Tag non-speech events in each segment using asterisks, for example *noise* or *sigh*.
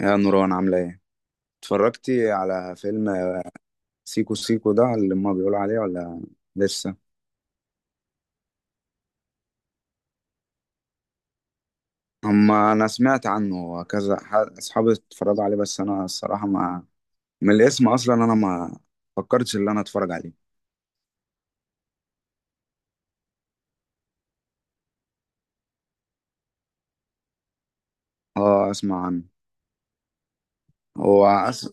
يا نوران عاملة ايه؟ اتفرجتي على فيلم سيكو سيكو ده اللي هما بيقولوا عليه ولا لسه؟ هما أنا سمعت عنه كذا، أصحابي اتفرجوا عليه، بس أنا الصراحة ما من الاسم أصلا أنا ما فكرتش إن أنا أتفرج عليه. اه، أسمع عنه. هو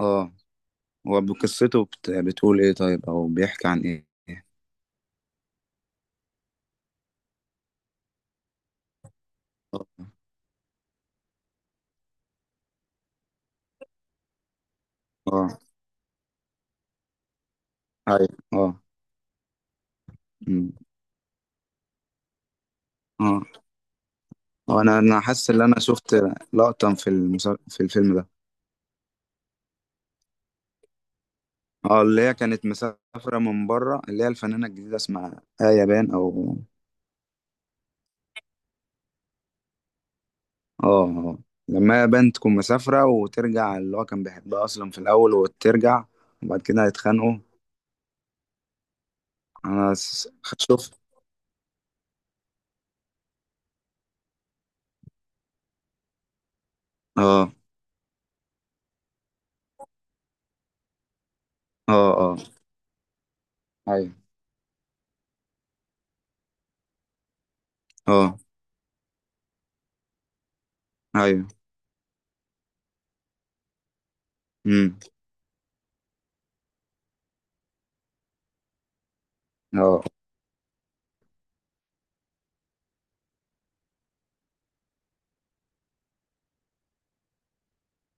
اه، هو بقصته بتقول ايه طيب، أو بيحكي عن ايه؟ اه. آه. أيوه. اه. أمم. اه. هو أنا حاسس إن أنا شفت لقطة في في الفيلم ده. اه، اللي هي كانت مسافرة من بره، اللي هي الفنانة الجديدة اسمها آية بان، او، اه. آه. لما آية بان تكون مسافرة وترجع، اللي هو كان بيحبها اصلا في الاول، وترجع وبعد كده هيتخانقوا. انا شفت. اه. اه. اه. ايوه. اه. ايوه. امم. اه.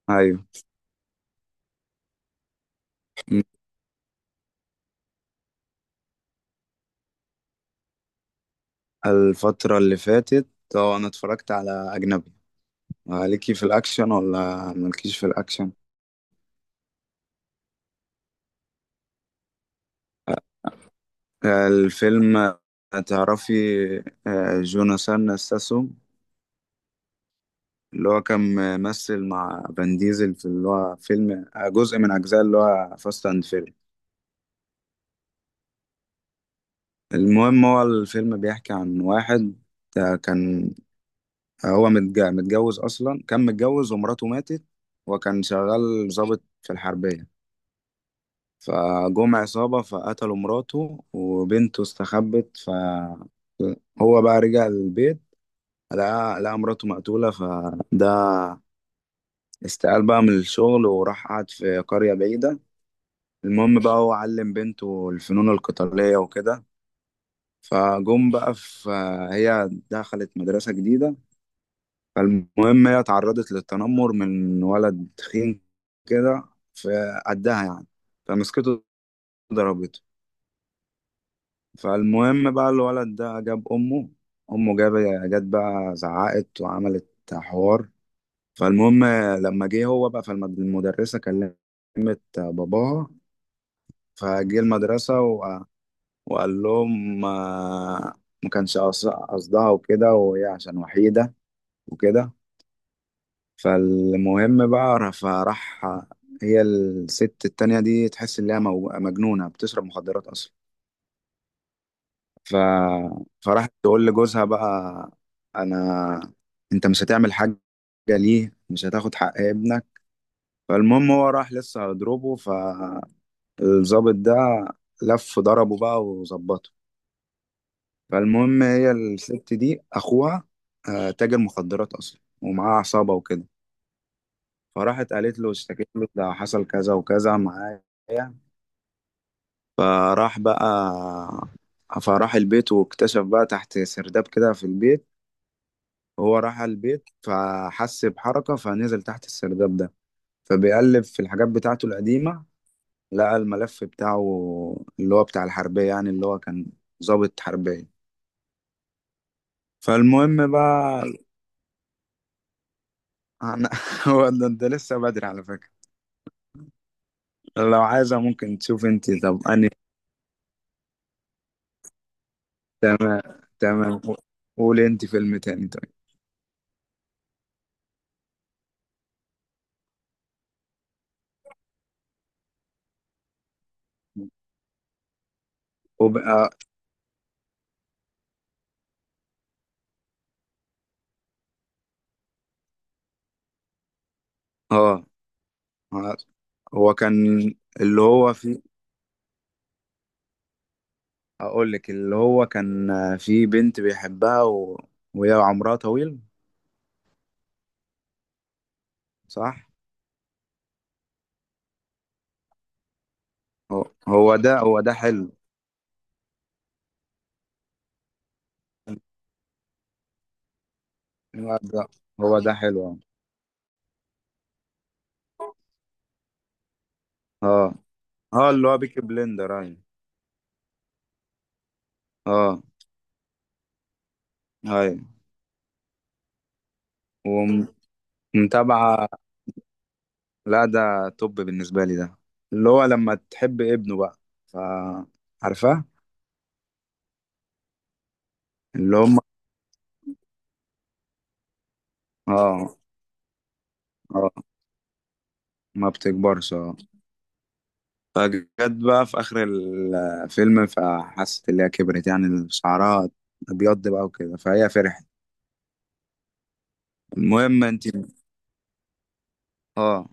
ايوه. أمم. الفترة اللي فاتت، اه، انا اتفرجت على اجنبي. آه، ليكي في الاكشن ولا مالكيش في الاكشن؟ آه، الفيلم، آه، تعرفي، آه، جوناثان ستاثام، اللي هو كان ممثل مع فان ديزل في اللي هو فيلم جزء من أجزاء اللي هو فاست أند فيري. المهم، هو الفيلم بيحكي عن واحد ده كان هو متجوز، أصلا كان متجوز ومراته ماتت، وكان شغال ضابط في الحربية. فجم عصابة فقتلوا مراته، وبنته استخبت، فهو بقى رجع البيت، لقى مراته مقتولة، فده استقال بقى من الشغل وراح قعد في قرية بعيدة. المهم بقى، هو علم بنته الفنون القتالية وكده. فجم بقى في، هي دخلت مدرسة جديدة، فالمهم هي اتعرضت للتنمر من ولد تخين كده، في قدها يعني، فمسكته ضربته. فالمهم بقى الولد ده جاب أمه، أمه جاب جت بقى زعقت وعملت حوار. فالمهم لما جه هو بقى فالمدرسة، كلمت باباها، فجه المدرسة وقال لهم آه، ما كانش قصدها وكده، وهي عشان وحيدة وكده. فالمهم بقى فراح، هي الست التانية دي تحس إن هي مجنونة بتشرب مخدرات أصلا. ف... فراحت تقول لجوزها بقى، أنا، أنت مش هتعمل حاجة؟ ليه مش هتاخد حق ابنك؟ فالمهم هو راح لسه هيضربه، فالظابط ده لف ضربه بقى وظبطه. فالمهم هي الست دي اخوها آه، تاجر مخدرات اصلا ومعاه عصابه وكده، فراحت قالت له اشتكيت له، ده حصل كذا وكذا معايا. فراح بقى فراح البيت، واكتشف بقى تحت سرداب كده في البيت. هو راح على البيت فحس بحركة فنزل تحت السرداب ده، فبيقلب في الحاجات بتاعته القديمة، لقى الملف بتاعه، اللي هو بتاع الحربية، يعني اللي هو كان ضابط حربية. فالمهم بقى، أنا- *laughs* هو ده ده لسه بدري على فكرة. لو عايزة ممكن تشوف انت، طب اني، تمام، تمام. قولي انت فيلم تاني طيب. وبقى. اه. آه. آه. هو كان، اللي هو في، اقول لك اللي هو كان في بنت بيحبها و... وهي عمرها طويل. صح، هو ده هو ده حلو هو ده هو ده حلو اه. اه. آه، اللي هو بيكي بلندر، ايوه. اه. ايوه. ومتابعة. لا ده توب بالنسبة لي ده، اللي هو لما تحب ابنه بقى، ف، عارفاه. اللي هم. اه. اه. ما بتكبرش. اه، فجت بقى في آخر الفيلم فحست اللي هي كبرت، يعني شعرها أبيض بقى وكده، فهي فرحت. المهم انت. اه.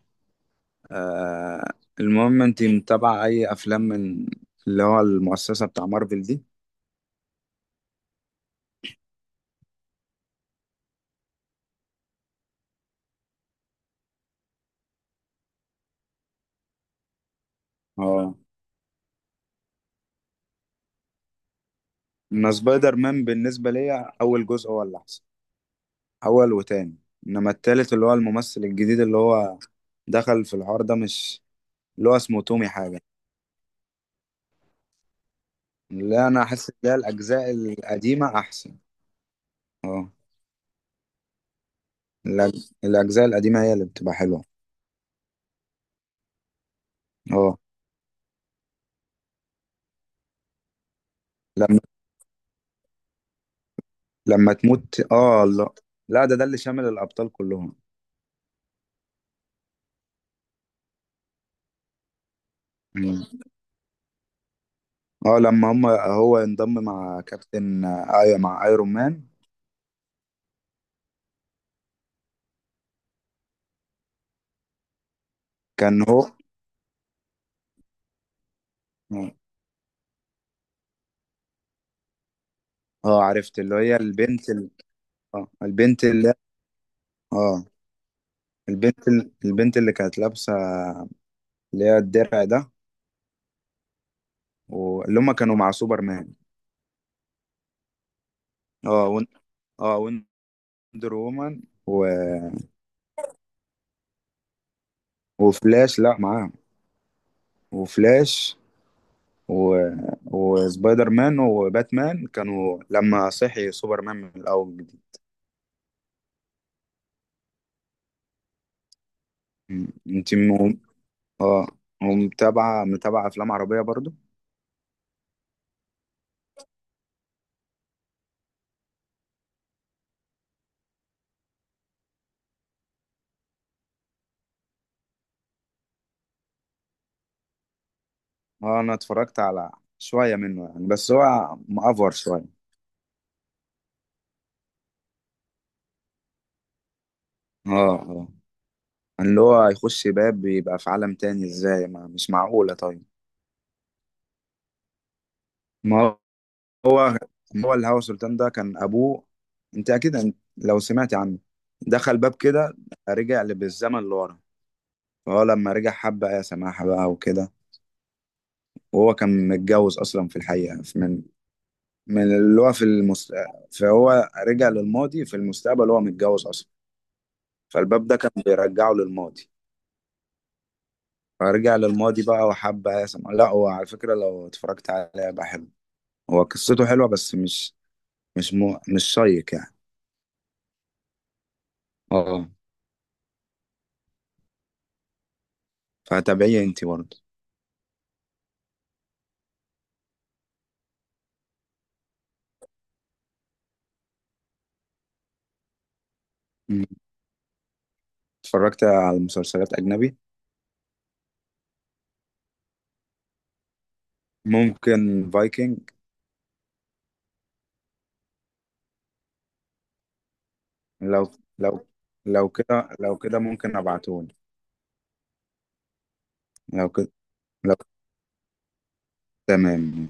آه. المهم انت متابعة أي أفلام من اللي هو المؤسسة بتاع مارفل دي؟ اه، أنا سبايدر مان بالنسبة ليا أول جزء هو اللي أحسن، اول وتاني. انما التالت، اللي هو الممثل الجديد، اللي هو دخل في الحوار ده مش، اللي هو اسمه تومي حاجة. لا، انا احس ان هي الاجزاء القديمة احسن. اه. الاجزاء القديمة هي اللي بتبقى حلوة. اه. لما لما تموت، اه، لا. لا ده ده اللي شامل الابطال كلهم. مم. اه، لما هم، هو انضم مع كابتن، ايوه، مع ايرون مان كان هو، اه. آه، عرفت اللي هي اه، البنت اللي، اه، البنت اللي كانت لابسة اللي هي الدرع ده، واللي هما كانوا مع سوبرمان. اه، اه، وندر وومن، و... وفلاش، لا معاهم، وفلاش، و... وسبايدر مان وباتمان كانوا لما صحي سوبرمان من الأول جديد. م. انت م... اه، ومتابعة متابعة أفلام عربية برضو؟ اه، أنا اتفرجت على شوية منه يعني، بس هو مأفور شوية. اه. اه، اللي هو هيخش باب بيبقى في عالم تاني ازاي؟ ما مش معقولة طيب. ما هو، هو الهوى سلطان ده كان ابوه، انت اكيد انت لو سمعت عنه، دخل باب كده رجع بالزمن لورا. فهو لما رجع حب ايه سماحة بقى وكده، وهو كان متجوز اصلا في الحقيقة، من اللي هو في فهو رجع للماضي في المستقبل وهو متجوز اصلا. فالباب ده كان بيرجعه للماضي، فرجع للماضي بقى وحب ايه سماحة. لا هو على فكرة لو اتفرجت عليه بقى حلو، هو قصته حلوة، بس مش مش شيق يعني. اه، فتابعيه انت برضه. اتفرجت على مسلسلات أجنبي. ممكن فايكنج. لو لو لو كده، لو كده ممكن أبعتهولي. لو كده، لو، تمام.